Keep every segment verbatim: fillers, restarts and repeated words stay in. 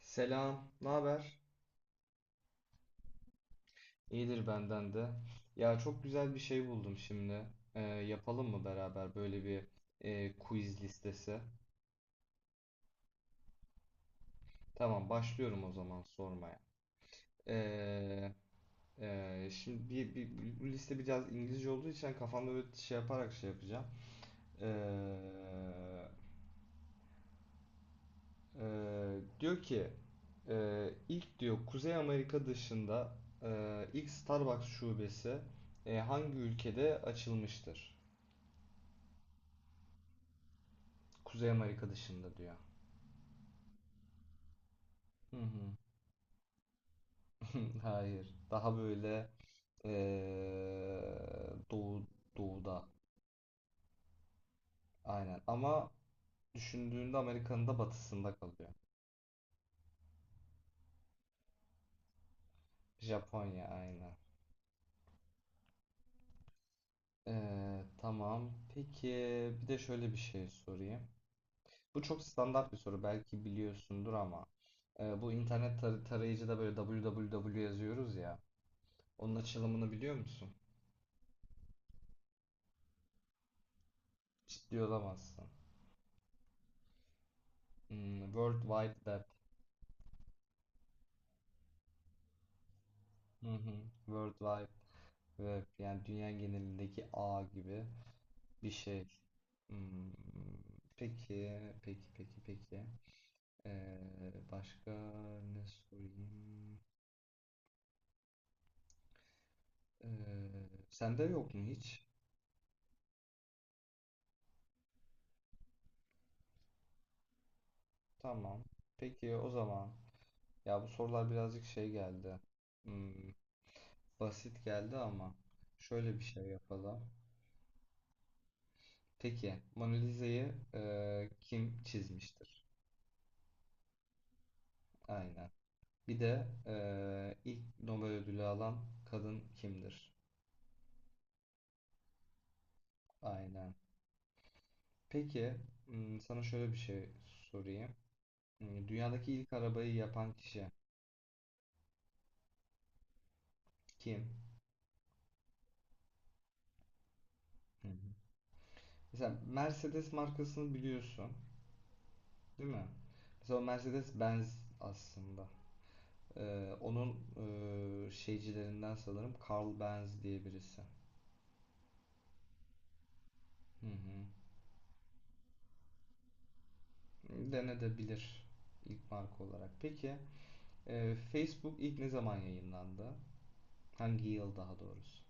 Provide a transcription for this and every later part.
Selam, ne haber? İyidir benden de. Ya çok güzel bir şey buldum şimdi. Ee, yapalım mı beraber böyle bir e, quiz listesi? Tamam, başlıyorum o zaman sormaya. Ee, e, Şimdi bir, bir- bir- bu liste biraz İngilizce olduğu için kafamda böyle şey yaparak şey yapacağım. Ee, e, Diyor ki e, ilk diyor Kuzey Amerika dışında e, ilk Starbucks şubesi e, hangi ülkede açılmıştır? Kuzey Amerika dışında diyor. Hı hı. Hayır. Daha böyle eee, doğu doğuda. Aynen. Ama düşündüğünde Amerika'nın da batısında kalıyor. Japonya aynen. Eee, tamam. Peki bir de şöyle bir şey sorayım. Bu çok standart bir soru. Belki biliyorsundur ama eee, bu internet tar- tarayıcıda böyle www yazıyoruz ya. Onun açılımını biliyor musun? Ciddi olamazsın. Hmm, World Wide Web. Hı hı. World Wide Ve yani dünya genelindeki ağ gibi bir şey. Hmm, peki, peki, peki, peki. Ee, başka ne sorayım? Ee, Sende yok mu hiç? Tamam. Peki o zaman. Ya bu sorular birazcık şey geldi. Hmm, Basit geldi ama şöyle bir şey yapalım. Peki, Mona Lisa'yı e, kim çizmiştir? Aynen. Bir de e, ilk Nobel ödülü alan kadın kimdir? Aynen. Peki, hmm, sana şöyle bir şey sorayım. Hmm, Dünyadaki ilk arabayı yapan kişi kim? Hı hı. Mesela Mercedes markasını biliyorsun, değil mi? Mesela o Mercedes-Benz aslında. Ee, onun e, şeycilerinden sanırım Carl Benz diye birisi. Hı hı. Denedebilir ilk marka olarak. Peki, e, Facebook ilk ne zaman yayınlandı? Hangi yıl daha doğrusu?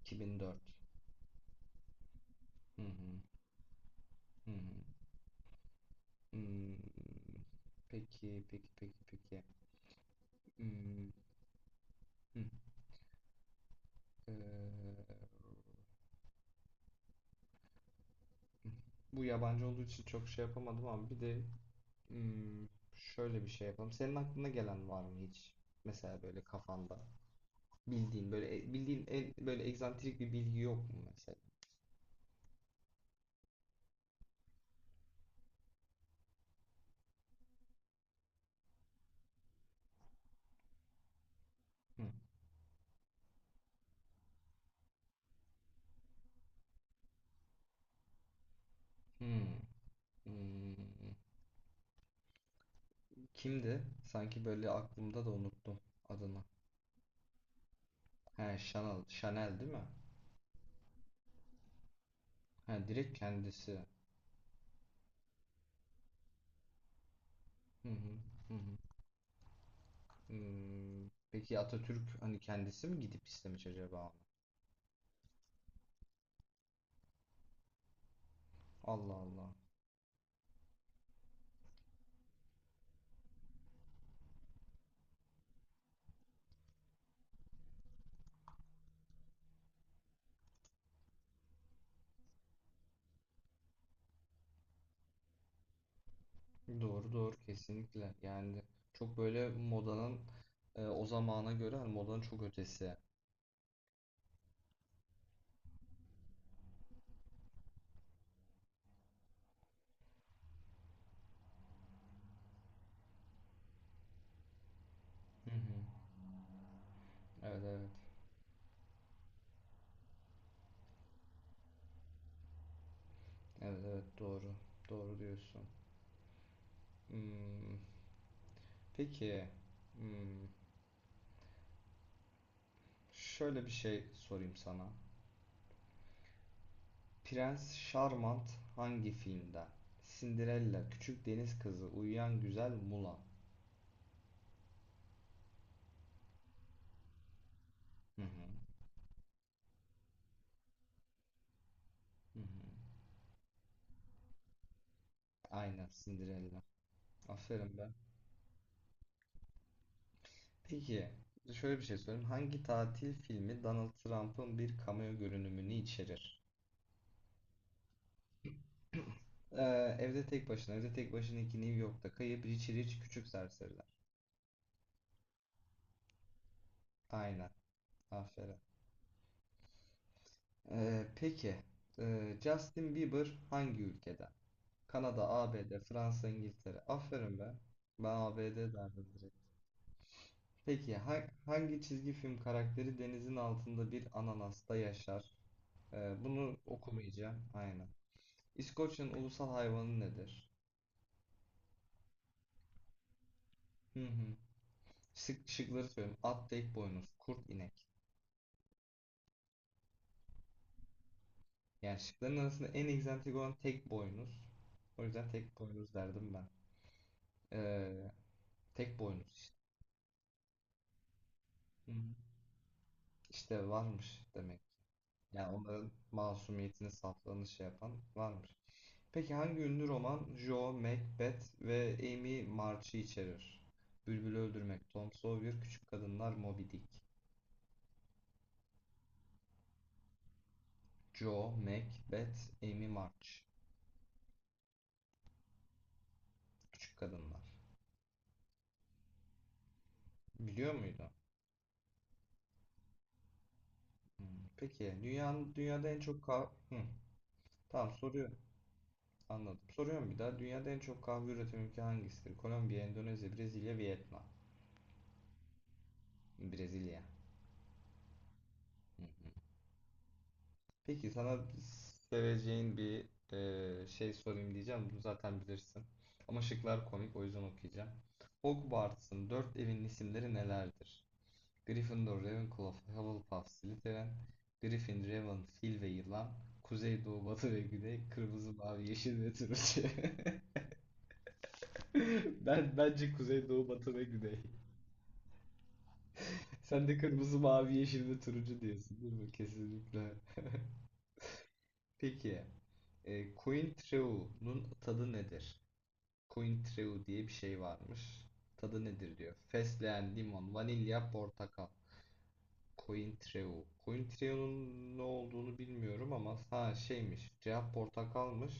iki bin dört. Hı hı. Hı hı. Hmm, Peki, peki, peki, peki. Hmm, hı. Ee, Bu yabancı olduğu için çok şey yapamadım ama bir de hmm, şöyle bir şey yapalım. Senin aklına gelen var mı hiç? Mesela böyle kafanda bildiğin böyle e, bildiğin en, böyle egzantrik bir bilgi yok mu mesela? Hı. Hmm, hmm. Kimdi? Sanki böyle aklımda da unuttum adını. He, Chanel, Chanel değil mi? He, direkt kendisi. Hı hı, hı hı. Hmm, Peki Atatürk hani kendisi mi gidip istemiş acaba? Allah Allah. Doğru doğru kesinlikle. Yani çok böyle modanın e, o zamana göre hani modanın çok ötesi. Hı hı. Evet evet. Evet evet doğru. Doğru diyorsun. Hmm, Peki hmm, şöyle bir şey sorayım sana. Prens Charmant hangi filmde? Cinderella, Küçük Deniz Kızı, Uyuyan Güzel Mulan. Hı hı. Hı hı. Aynen Cinderella. Aferin be. Peki şöyle bir şey sorayım. Hangi tatil filmi Donald Trump'ın bir cameo görünümünü içerir? Ee, Evde Tek Başına, Evde Tek Başına iki New York'ta Kayıp, Richie Rich, Küçük Serseriler. Aynen. Aferin. Ee, peki ee, Justin Bieber hangi ülkeden? Kanada, A B D, Fransa, İngiltere. Aferin be. Ben A B D derdim direkt. Peki ha- hangi çizgi film karakteri denizin altında bir ananasta yaşar? Ee, bunu okumayacağım. Aynen. İskoçya'nın ulusal hayvanı nedir? Hı hı. Şık, şıkları söyleyeyim. At tek boynuz, kurt inek. Yani şıkların arasında en egzantrik olan tek boynuz. O yüzden tek boynuz derdim ben. Ee, Tek boynuz işte. Hı hı. İşte varmış demek. Yani onların masumiyetini saflığını şey yapan varmış. Peki hangi ünlü roman Joe, Macbeth ve Amy March'ı içerir? Bülbülü Öldürmek, Tom Sawyer, Küçük Kadınlar, Moby Dick. Joe, Macbeth, Amy March. Küçük Kadınlar. Biliyor muydun? Peki dünyanın dünyada en çok kahve... Tamam soruyorum. Anladım. Soruyorum bir daha. Dünyada en çok kahve üreten ülke hangisidir? Kolombiya, Endonezya, Brezilya, Vietnam. Brezilya. Hı. Peki sana seveceğin bir e, şey sorayım diyeceğim. Bunu zaten bilirsin. Ama şıklar komik o yüzden okuyacağım. Hogwarts'ın dört evin isimleri nelerdir? Gryffindor, Ravenclaw, Hufflepuff, Slytherin, Griffin, Raven, Fil ve Yılan, Kuzey, Doğu, Batı ve Güney, Kırmızı, Mavi, Yeşil ve Turuncu. Ben bence kuzey, doğu, batı ve güney. Sen de kırmızı, mavi, yeşil ve turuncu diyorsun değil mi? Kesinlikle. Peki, e, Cointreau'nun tadı nedir? Cointreau diye bir şey varmış. Tadı nedir diyor. Fesleğen, limon, vanilya, portakal. Cointreau. Cointreau'nun ne olduğunu bilmiyorum ama ha şeymiş. Cevap portakalmış.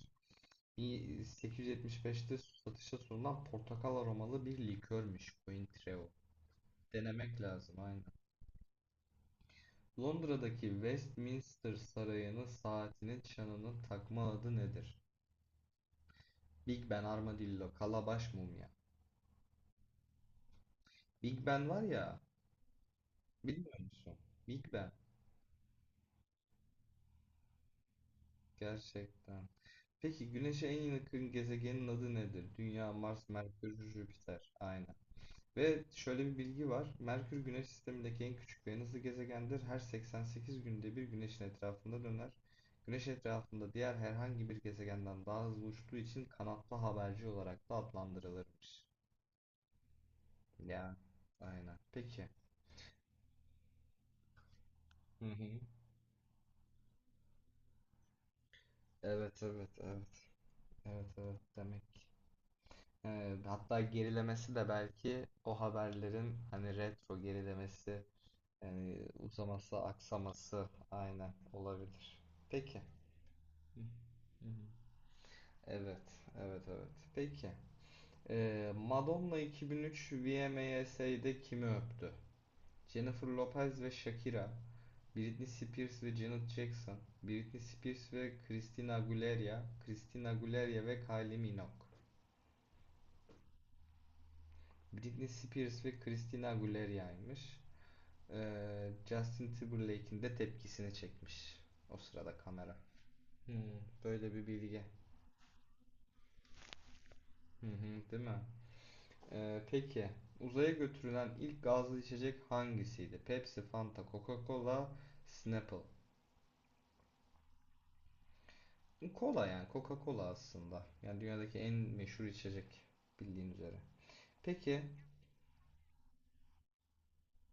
bin sekiz yüz yetmiş beşte satışa sunulan portakal aromalı bir likörmüş Cointreau. Denemek lazım aynı. Londra'daki Westminster Sarayı'nın saatinin çanının takma adı nedir? Big Ben Armadillo, Kalabaş Mumya. Big Ben var ya, bilmiyor musun? Big Ben. Gerçekten. Peki Güneş'e en yakın gezegenin adı nedir? Dünya, Mars, Merkür, Jüpiter. Aynen. Ve şöyle bir bilgi var. Merkür Güneş sistemindeki en küçük ve en hızlı gezegendir. Her seksen sekiz günde bir Güneş'in etrafında döner. Güneş etrafında diğer herhangi bir gezegenden daha hızlı uçtuğu için kanatlı haberci olarak da adlandırılırmış. Ya, aynen. Peki. Hı hı. Evet evet evet. Evet evet demek. Ee, hatta gerilemesi de belki o haberlerin hani retro gerilemesi yani uzaması aksaması aynen olabilir. Peki. Hı hı. Evet, evet, evet. Peki. Ee, Madonna iki bin üç V M A s'de kimi öptü? Jennifer Lopez ve Shakira, Britney Spears ve Janet Jackson, Britney Spears ve Christina Aguilera, Christina Aguilera ve Kylie Minogue. Britney Spears ve Christina Aguilera'ymış. Ee, Justin Timberlake'in de tepkisini çekmiş o sırada kamera. Hmm, Böyle bir bilgi. Hı hı, değil mi? Ee, peki uzaya götürülen ilk gazlı içecek hangisiydi? Pepsi, Fanta, Coca-Cola, Snapple. Cola yani Coca-Cola aslında. Yani dünyadaki en meşhur içecek bildiğin üzere. Peki.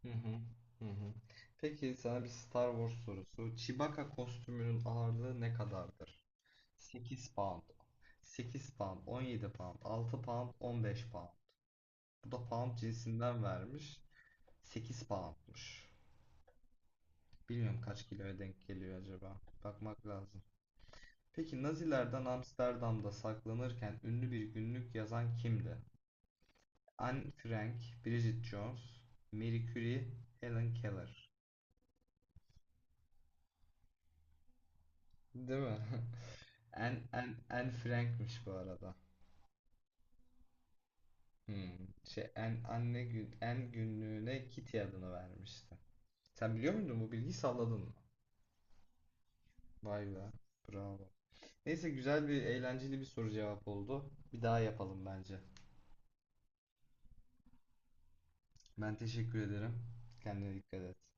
Hı hı. Hı hı. Peki sana bir Star Wars sorusu. Chewbacca kostümünün ağırlığı ne kadardır? sekiz pound. sekiz pound, on yedi pound, altı pound, on beş pound. Bu da pound cinsinden vermiş. sekiz poundmuş. Bilmiyorum kaç kiloya denk geliyor acaba. Bakmak lazım. Peki Nazilerden Amsterdam'da saklanırken ünlü bir günlük yazan kimdi? Anne Frank, Bridget Jones, Marie Curie, Helen Keller. Değil mi? Anne, Anne, Anne Frank'miş bu arada. Hmm. Şey, Anne, anne gün, Anne günlüğüne Kitty adını vermişti. Sen biliyor muydun bu bilgiyi salladın mı? Vay be. Bravo. Neyse güzel bir eğlenceli bir soru cevap oldu. Bir daha yapalım bence. Ben teşekkür ederim. Kendine dikkat et.